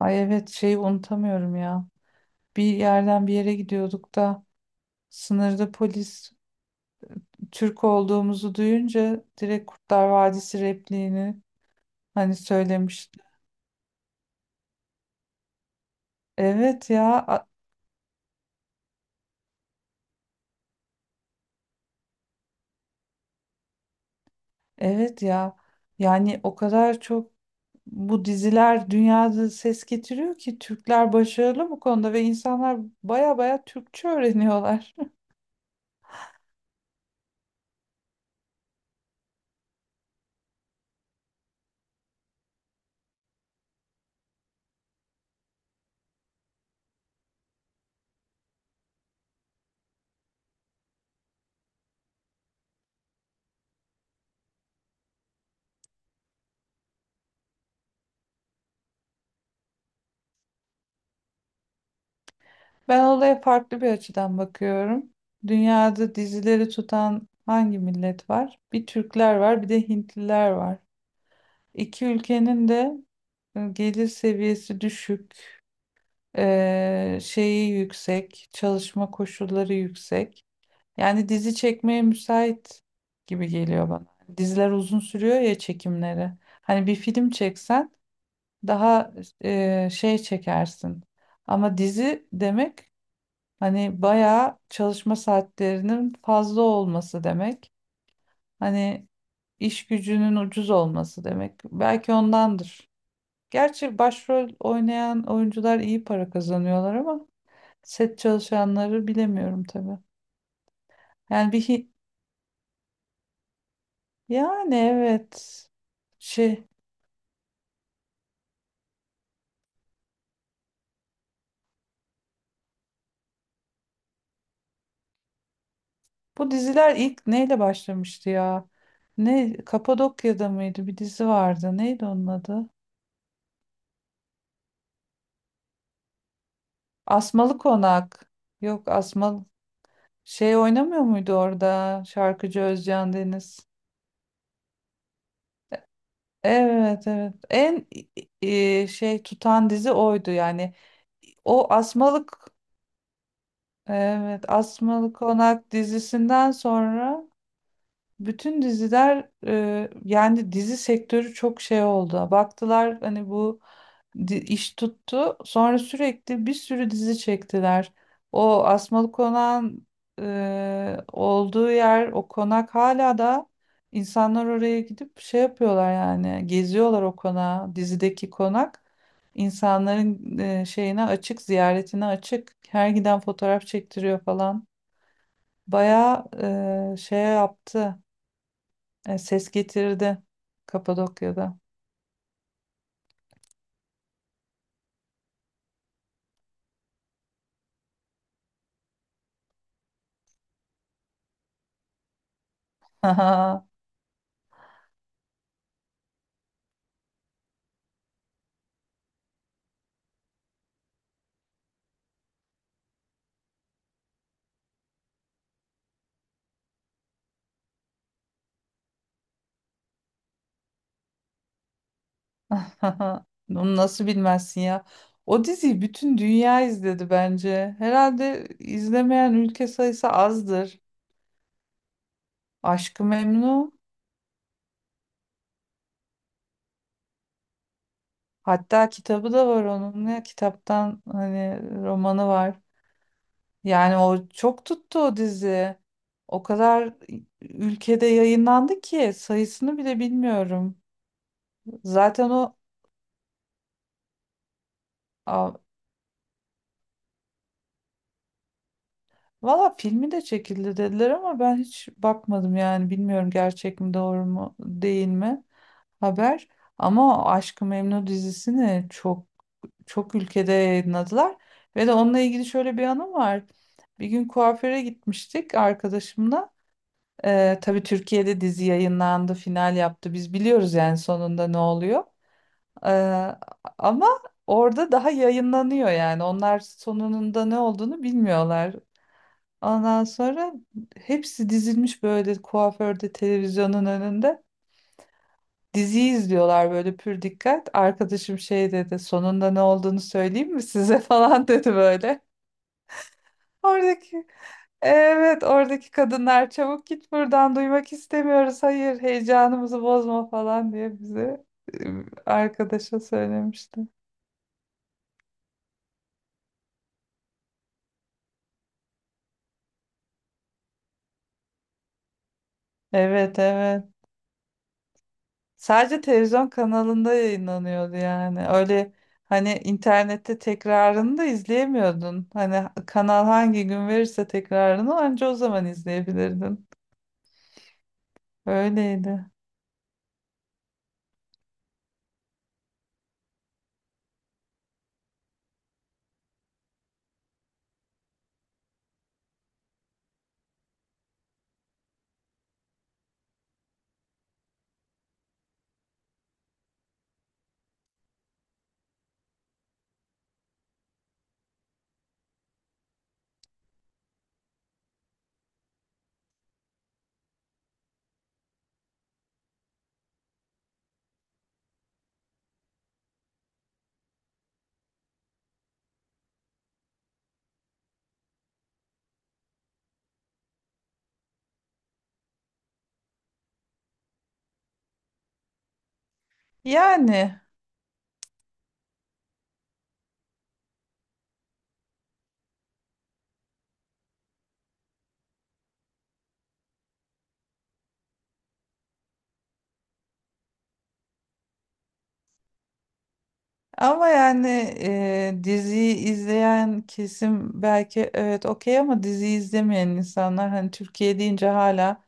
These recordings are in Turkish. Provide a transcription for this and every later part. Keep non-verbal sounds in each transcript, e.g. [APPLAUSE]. Ay evet şeyi unutamıyorum ya. Bir yerden bir yere gidiyorduk da sınırda polis Türk olduğumuzu duyunca direkt Kurtlar Vadisi repliğini hani söylemişti. Evet ya, evet ya, yani o kadar çok bu diziler dünyada ses getiriyor ki Türkler başarılı bu konuda ve insanlar baya baya Türkçe öğreniyorlar. [LAUGHS] Ben olaya farklı bir açıdan bakıyorum. Dünyada dizileri tutan hangi millet var? Bir Türkler var, bir de Hintliler var. İki ülkenin de gelir seviyesi düşük, şeyi yüksek, çalışma koşulları yüksek. Yani dizi çekmeye müsait gibi geliyor bana. Hani diziler uzun sürüyor ya çekimleri. Hani bir film çeksen daha şey çekersin. Ama dizi demek hani bayağı çalışma saatlerinin fazla olması demek. Hani iş gücünün ucuz olması demek. Belki ondandır. Gerçi başrol oynayan oyuncular iyi para kazanıyorlar ama set çalışanları bilemiyorum tabii. Yani bir yani evet. Şey, bu diziler ilk neyle başlamıştı ya? Ne Kapadokya'da mıydı? Bir dizi vardı. Neydi onun adı? Asmalı Konak. Yok, şey oynamıyor muydu orada şarkıcı Özcan Deniz? Evet evet. En şey tutan dizi oydu yani. O evet, Asmalı Konak dizisinden sonra bütün diziler, yani dizi sektörü çok şey oldu. Baktılar hani bu iş tuttu. Sonra sürekli bir sürü dizi çektiler. O Asmalı Konak'ın olduğu yer, o konak hala da insanlar oraya gidip şey yapıyorlar yani. Geziyorlar o konağı, dizideki konak. İnsanların şeyine açık, ziyaretine açık. Her giden fotoğraf çektiriyor falan. Bayağı şey yaptı, ses getirdi Kapadokya'da. [LAUGHS] [LAUGHS] Onu nasıl bilmezsin ya? O diziyi bütün dünya izledi bence. Herhalde izlemeyen ülke sayısı azdır. Aşk-ı Memnu. Hatta kitabı da var onun. Ne kitaptan, hani romanı var. Yani o çok tuttu o dizi. O kadar ülkede yayınlandı ki sayısını bile bilmiyorum. Zaten o. Aa, valla filmi de çekildi dediler ama ben hiç bakmadım yani bilmiyorum gerçek mi doğru mu değil mi haber. Ama Aşk-ı Memnu dizisini çok çok ülkede yayınladılar. Ve de onunla ilgili şöyle bir anım var. Bir gün kuaföre gitmiştik arkadaşımla. Tabii Türkiye'de dizi yayınlandı, final yaptı. Biz biliyoruz yani sonunda ne oluyor. Ee, ama orada daha yayınlanıyor yani. Onlar sonunda ne olduğunu bilmiyorlar. Ondan sonra hepsi dizilmiş böyle kuaförde, televizyonun önünde. Dizi izliyorlar böyle pür dikkat. Arkadaşım şey dedi, sonunda ne olduğunu söyleyeyim mi size, [LAUGHS] falan dedi böyle. Oradaki, evet, oradaki kadınlar çabuk git buradan, duymak istemiyoruz, hayır, heyecanımızı bozma falan diye bize, e, arkadaşa söylemişti. Evet evet. Sadece televizyon kanalında yayınlanıyordu yani. Öyle hani internette tekrarını da izleyemiyordun. Hani kanal hangi gün verirse tekrarını anca o zaman izleyebilirdin. Öyleydi. Yani ama yani diziyi izleyen kesim belki, evet, okey, ama diziyi izlemeyen insanlar hani Türkiye deyince hala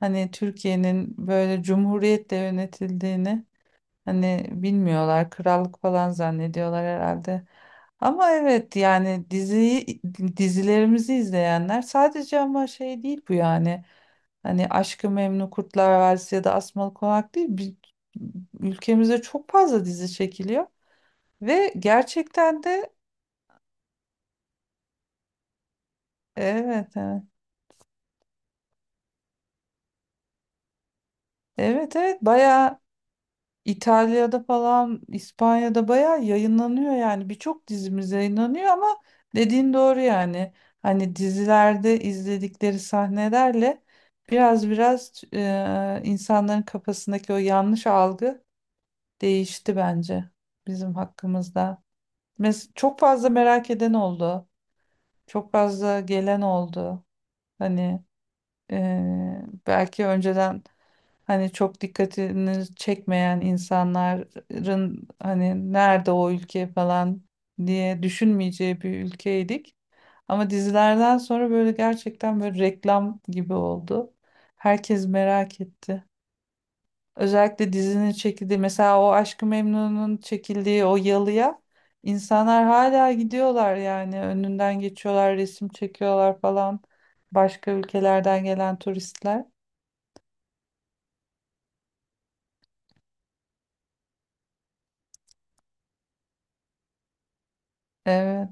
hani Türkiye'nin böyle cumhuriyetle yönetildiğini hani bilmiyorlar. Krallık falan zannediyorlar herhalde. Ama evet yani diziyi, dizilerimizi izleyenler sadece, ama şey değil bu yani. Hani Aşk-ı Memnu, Kurtlar Vadisi ya da Asmalı Konak değil. Ülkemizde çok fazla dizi çekiliyor. Ve gerçekten de, evet evet. Evet evet, bayağı İtalya'da falan, İspanya'da bayağı yayınlanıyor yani. Birçok dizimiz yayınlanıyor ama dediğin doğru yani. Hani dizilerde izledikleri sahnelerle biraz biraz insanların kafasındaki o yanlış algı değişti bence bizim hakkımızda. Çok fazla merak eden oldu. Çok fazla gelen oldu. Hani belki önceden hani çok dikkatini çekmeyen insanların hani nerede o ülke falan diye düşünmeyeceği bir ülkeydik. Ama dizilerden sonra böyle gerçekten böyle reklam gibi oldu. Herkes merak etti. Özellikle dizinin çekildiği, mesela o Aşk-ı Memnu'nun çekildiği o yalıya insanlar hala gidiyorlar yani, önünden geçiyorlar, resim çekiyorlar falan, başka ülkelerden gelen turistler. Evet.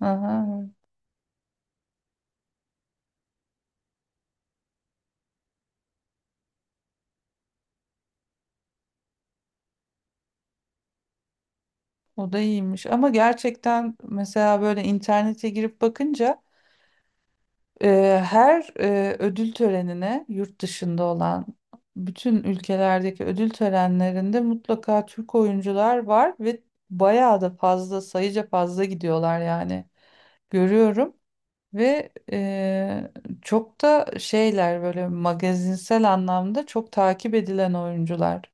Aha, evet. O da iyiymiş, ama gerçekten mesela böyle internete girip bakınca her ödül törenine yurt dışında olan bütün ülkelerdeki ödül törenlerinde mutlaka Türk oyuncular var ve bayağı da fazla, sayıca fazla gidiyorlar yani, görüyorum, ve çok da şeyler böyle, magazinsel anlamda çok takip edilen oyuncular.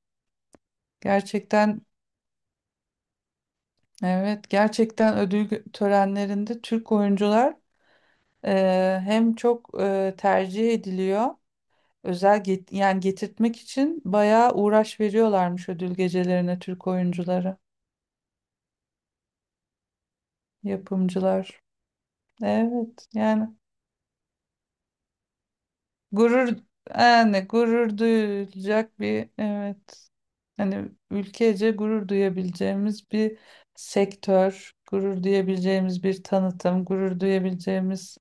Gerçekten, evet, gerçekten ödül törenlerinde Türk oyuncular hem çok tercih ediliyor. Özel yani getirtmek için bayağı uğraş veriyorlarmış ödül gecelerine Türk oyuncuları, yapımcılar. Evet yani gurur, yani gurur duyulacak bir, evet, hani ülkece gurur duyabileceğimiz bir sektör, gurur duyabileceğimiz bir tanıtım, gurur duyabileceğimiz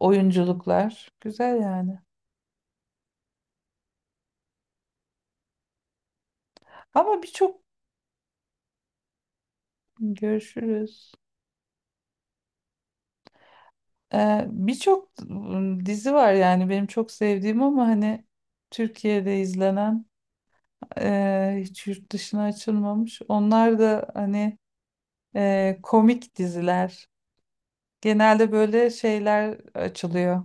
oyunculuklar. Güzel yani. Ama birçok, görüşürüz. Birçok dizi var yani benim çok sevdiğim ama hani Türkiye'de izlenen, hiç yurt dışına açılmamış. Onlar da hani komik diziler. Genelde böyle şeyler açılıyor.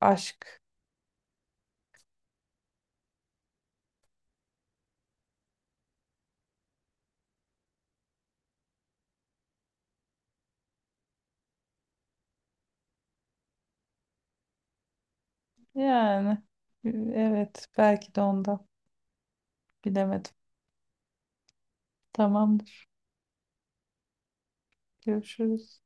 Aşk. Yani e, evet, belki de onda, bilemedim. Tamamdır. Görüşürüz.